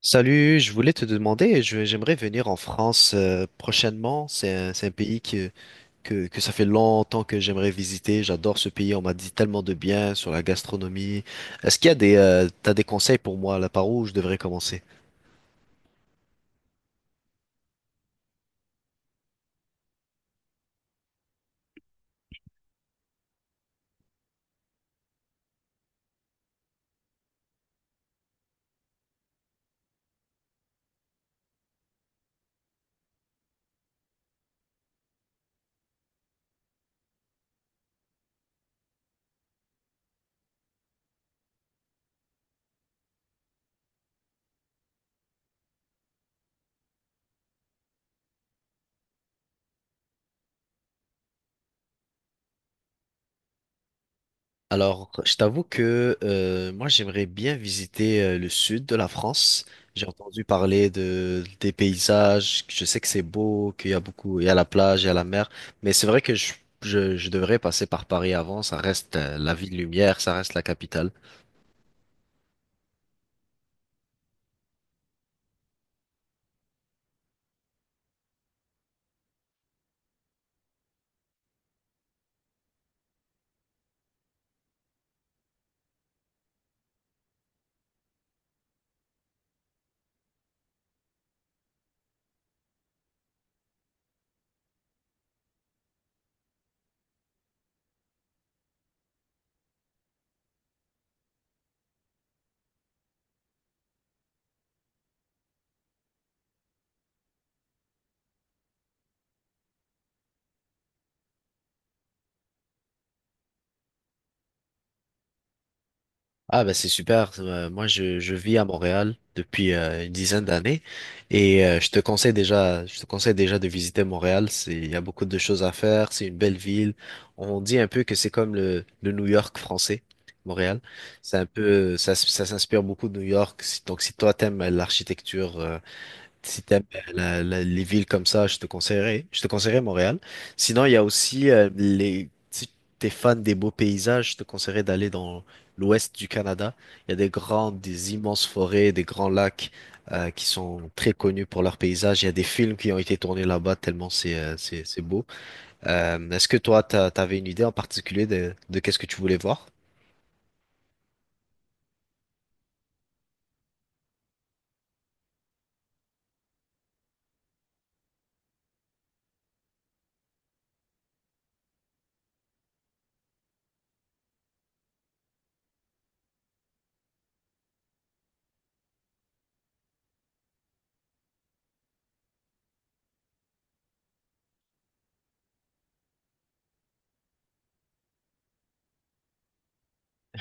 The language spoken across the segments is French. Salut, je voulais te demander, j'aimerais venir en France prochainement. C'est un pays que ça fait longtemps que j'aimerais visiter. J'adore ce pays, on m'a dit tellement de bien sur la gastronomie. Est-ce qu'il y a t'as des conseils pour moi là, par où je devrais commencer? Alors, je t'avoue que moi, j'aimerais bien visiter le sud de la France. J'ai entendu parler de des paysages. Je sais que c'est beau, qu'il y a beaucoup, il y a la plage, il y a la mer. Mais c'est vrai que je devrais passer par Paris avant. Ça reste la ville lumière, ça reste la capitale. Ah bah c'est super. Je vis à Montréal depuis une dizaine d'années et je te conseille déjà de visiter Montréal. C'est il y a beaucoup de choses à faire. C'est une belle ville. On dit un peu que c'est comme le New York français. Montréal, c'est un peu ça, ça s'inspire beaucoup de New York. Donc si toi t'aimes l'architecture si t'aimes les villes comme ça, je te conseillerais Montréal. Sinon, il y a aussi si t'es fan des beaux paysages, je te conseillerais d'aller dans l'ouest du Canada. Il y a des immenses forêts, des grands lacs qui sont très connus pour leurs paysages. Il y a des films qui ont été tournés là-bas tellement c'est beau. Est-ce que toi, t'avais une idée en particulier de qu'est-ce que tu voulais voir?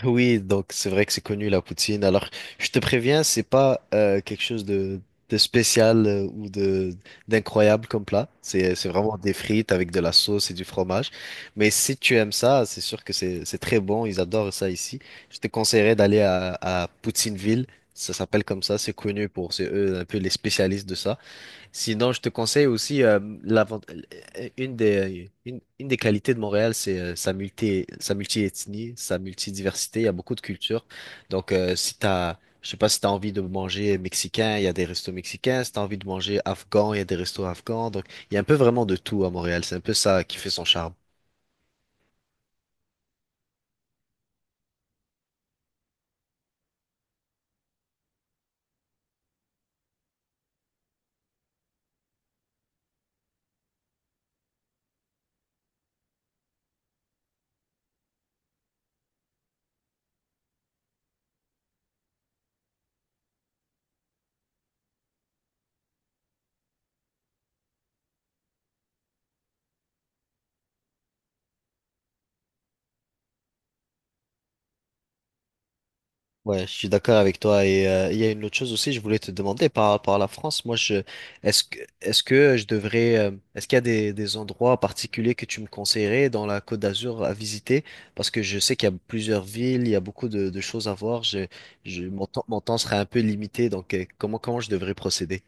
Oui, donc c'est vrai que c'est connu la poutine. Alors, je te préviens, c'est pas quelque chose de spécial ou de d'incroyable comme plat. C'est vraiment des frites avec de la sauce et du fromage. Mais si tu aimes ça, c'est sûr que c'est très bon. Ils adorent ça ici. Je te conseillerais d'aller à Poutineville. Ça s'appelle comme ça. C'est connu pour c'est eux un peu les spécialistes de ça. Sinon, je te conseille aussi une une des qualités de Montréal, c'est sa multi-ethnie, sa multidiversité. Il y a beaucoup de cultures. Donc, si t'as je sais pas si t'as envie de manger mexicain, il y a des restos mexicains. Si t'as envie de manger afghan, il y a des restos afghans. Donc, il y a un peu vraiment de tout à Montréal. C'est un peu ça qui fait son charme. Ouais, je suis d'accord avec toi. Et il y a une autre chose aussi, je voulais te demander par rapport à la France. Moi, je est-ce que je devrais est-ce qu'il y a des endroits particuliers que tu me conseillerais dans la Côte d'Azur à visiter? Parce que je sais qu'il y a plusieurs villes, il y a beaucoup de choses à voir. Mon temps serait un peu limité, donc comment je devrais procéder?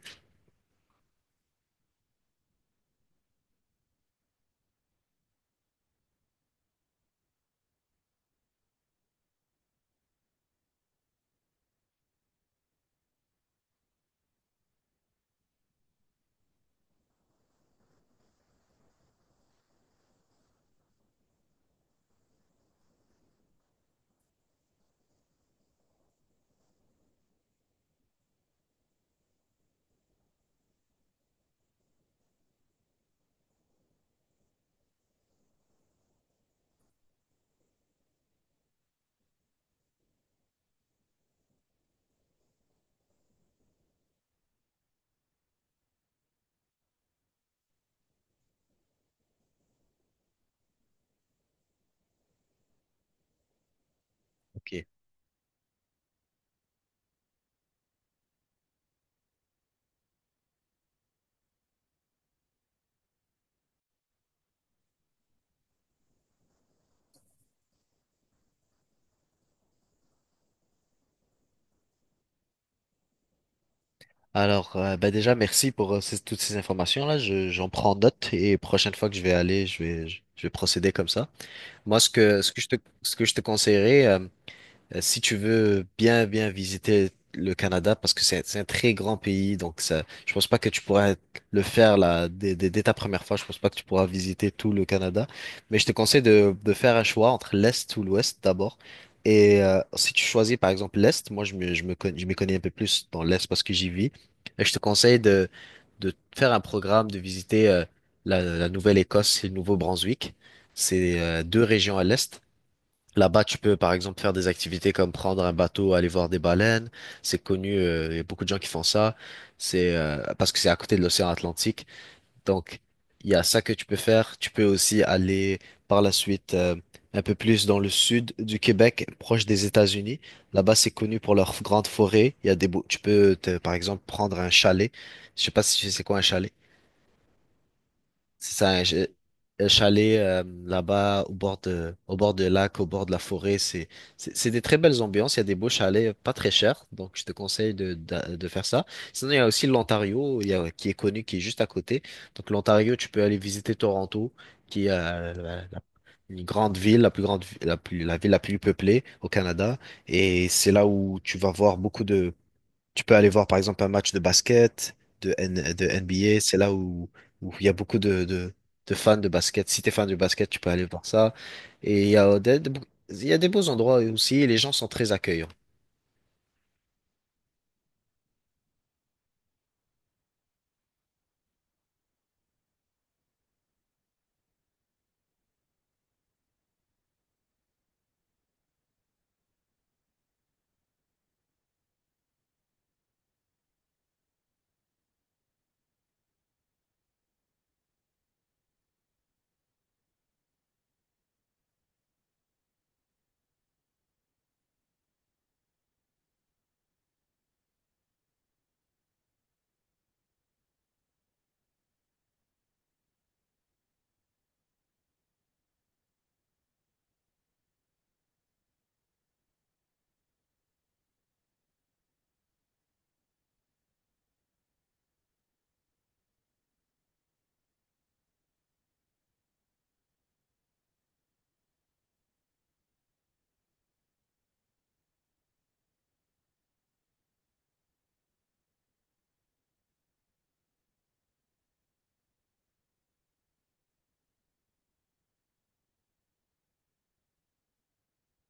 Ok. Alors, ben déjà, merci pour toutes ces informations-là. Je, j'en prends note et prochaine fois que je vais aller, je vais procéder comme ça. Moi, ce que, ce que je te, ce que je te conseillerais, si tu veux bien visiter le Canada, parce que c'est un très grand pays, donc ça, je pense pas que tu pourras le faire dès ta première fois. Je pense pas que tu pourras visiter tout le Canada. Mais je te conseille de faire un choix entre l'Est ou l'Ouest d'abord. Et si tu choisis par exemple l'Est, je me connais, je m'y connais un peu plus dans l'Est parce que j'y vis. Et je te conseille de faire un programme, de visiter la Nouvelle-Écosse et le Nouveau-Brunswick. C'est deux régions à l'Est. Là-bas, tu peux par exemple faire des activités comme prendre un bateau, aller voir des baleines. C'est connu, il y a beaucoup de gens qui font ça. C'est parce que c'est à côté de l'océan Atlantique. Donc, il y a ça que tu peux faire. Tu peux aussi aller par la suite un peu plus dans le sud du Québec, proche des États-Unis. Là-bas, c'est connu pour leurs grandes forêts. Il y a par exemple prendre un chalet. Je sais pas si tu sais c'est quoi un chalet. C'est ça, un, un chalet là-bas au bord de lac, au bord de la forêt. C'est des très belles ambiances. Il y a des beaux chalets, pas très chers. Donc, je te conseille de faire ça. Sinon, il y a aussi l'Ontario, qui est connu, qui est juste à côté. Donc, l'Ontario, tu peux aller visiter Toronto, qui est une grande ville, la plus grande, vi- la plus, la ville la plus peuplée au Canada. Et c'est là où tu vas voir beaucoup de tu peux aller voir par exemple un match de basket, de NBA, c'est là où il y a beaucoup de fans de basket. Si tu es fan de basket, tu peux aller voir ça. Et il y a des beaux endroits aussi et les gens sont très accueillants.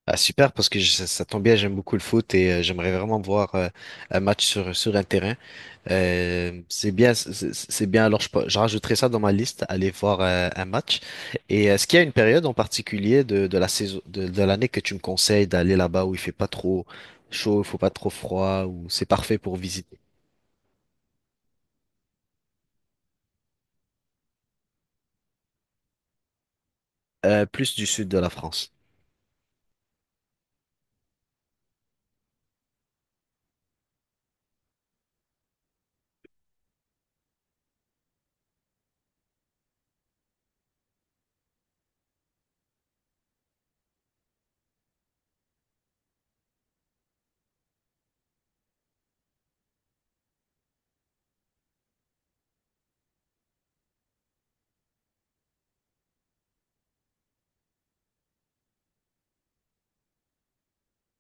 Ah, super, parce que ça, ça tombe bien, j'aime beaucoup le foot et j'aimerais vraiment voir un match sur un terrain. C'est bien, c'est bien. Alors, je rajouterai ça dans ma liste, aller voir un match. Et est-ce qu'il y a une période en particulier de la saison, de l'année que tu me conseilles d'aller là-bas où il fait pas trop chaud, il faut pas trop froid, où c'est parfait pour visiter? Plus du sud de la France.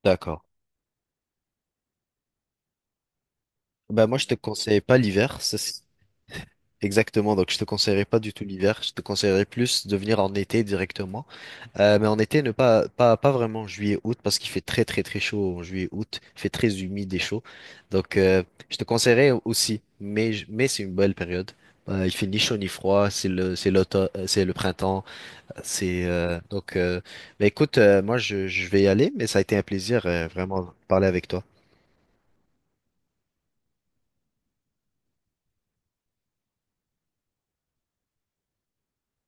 D'accord. Ben moi, je te conseille pas l'hiver. Ça, exactement. Donc, je te conseillerais pas du tout l'hiver. Je te conseillerais plus de venir en été directement. Mais en été, ne pas, pas, pas vraiment juillet-août parce qu'il fait très très très chaud en juillet-août. Il fait très humide et chaud. Donc, je te conseillerais aussi. Mais c'est une belle période. Il fait ni chaud ni froid. C'est l'automne, c'est le printemps. C'est donc. Mais écoute, je vais y aller. Mais ça a été un plaisir vraiment de parler avec toi.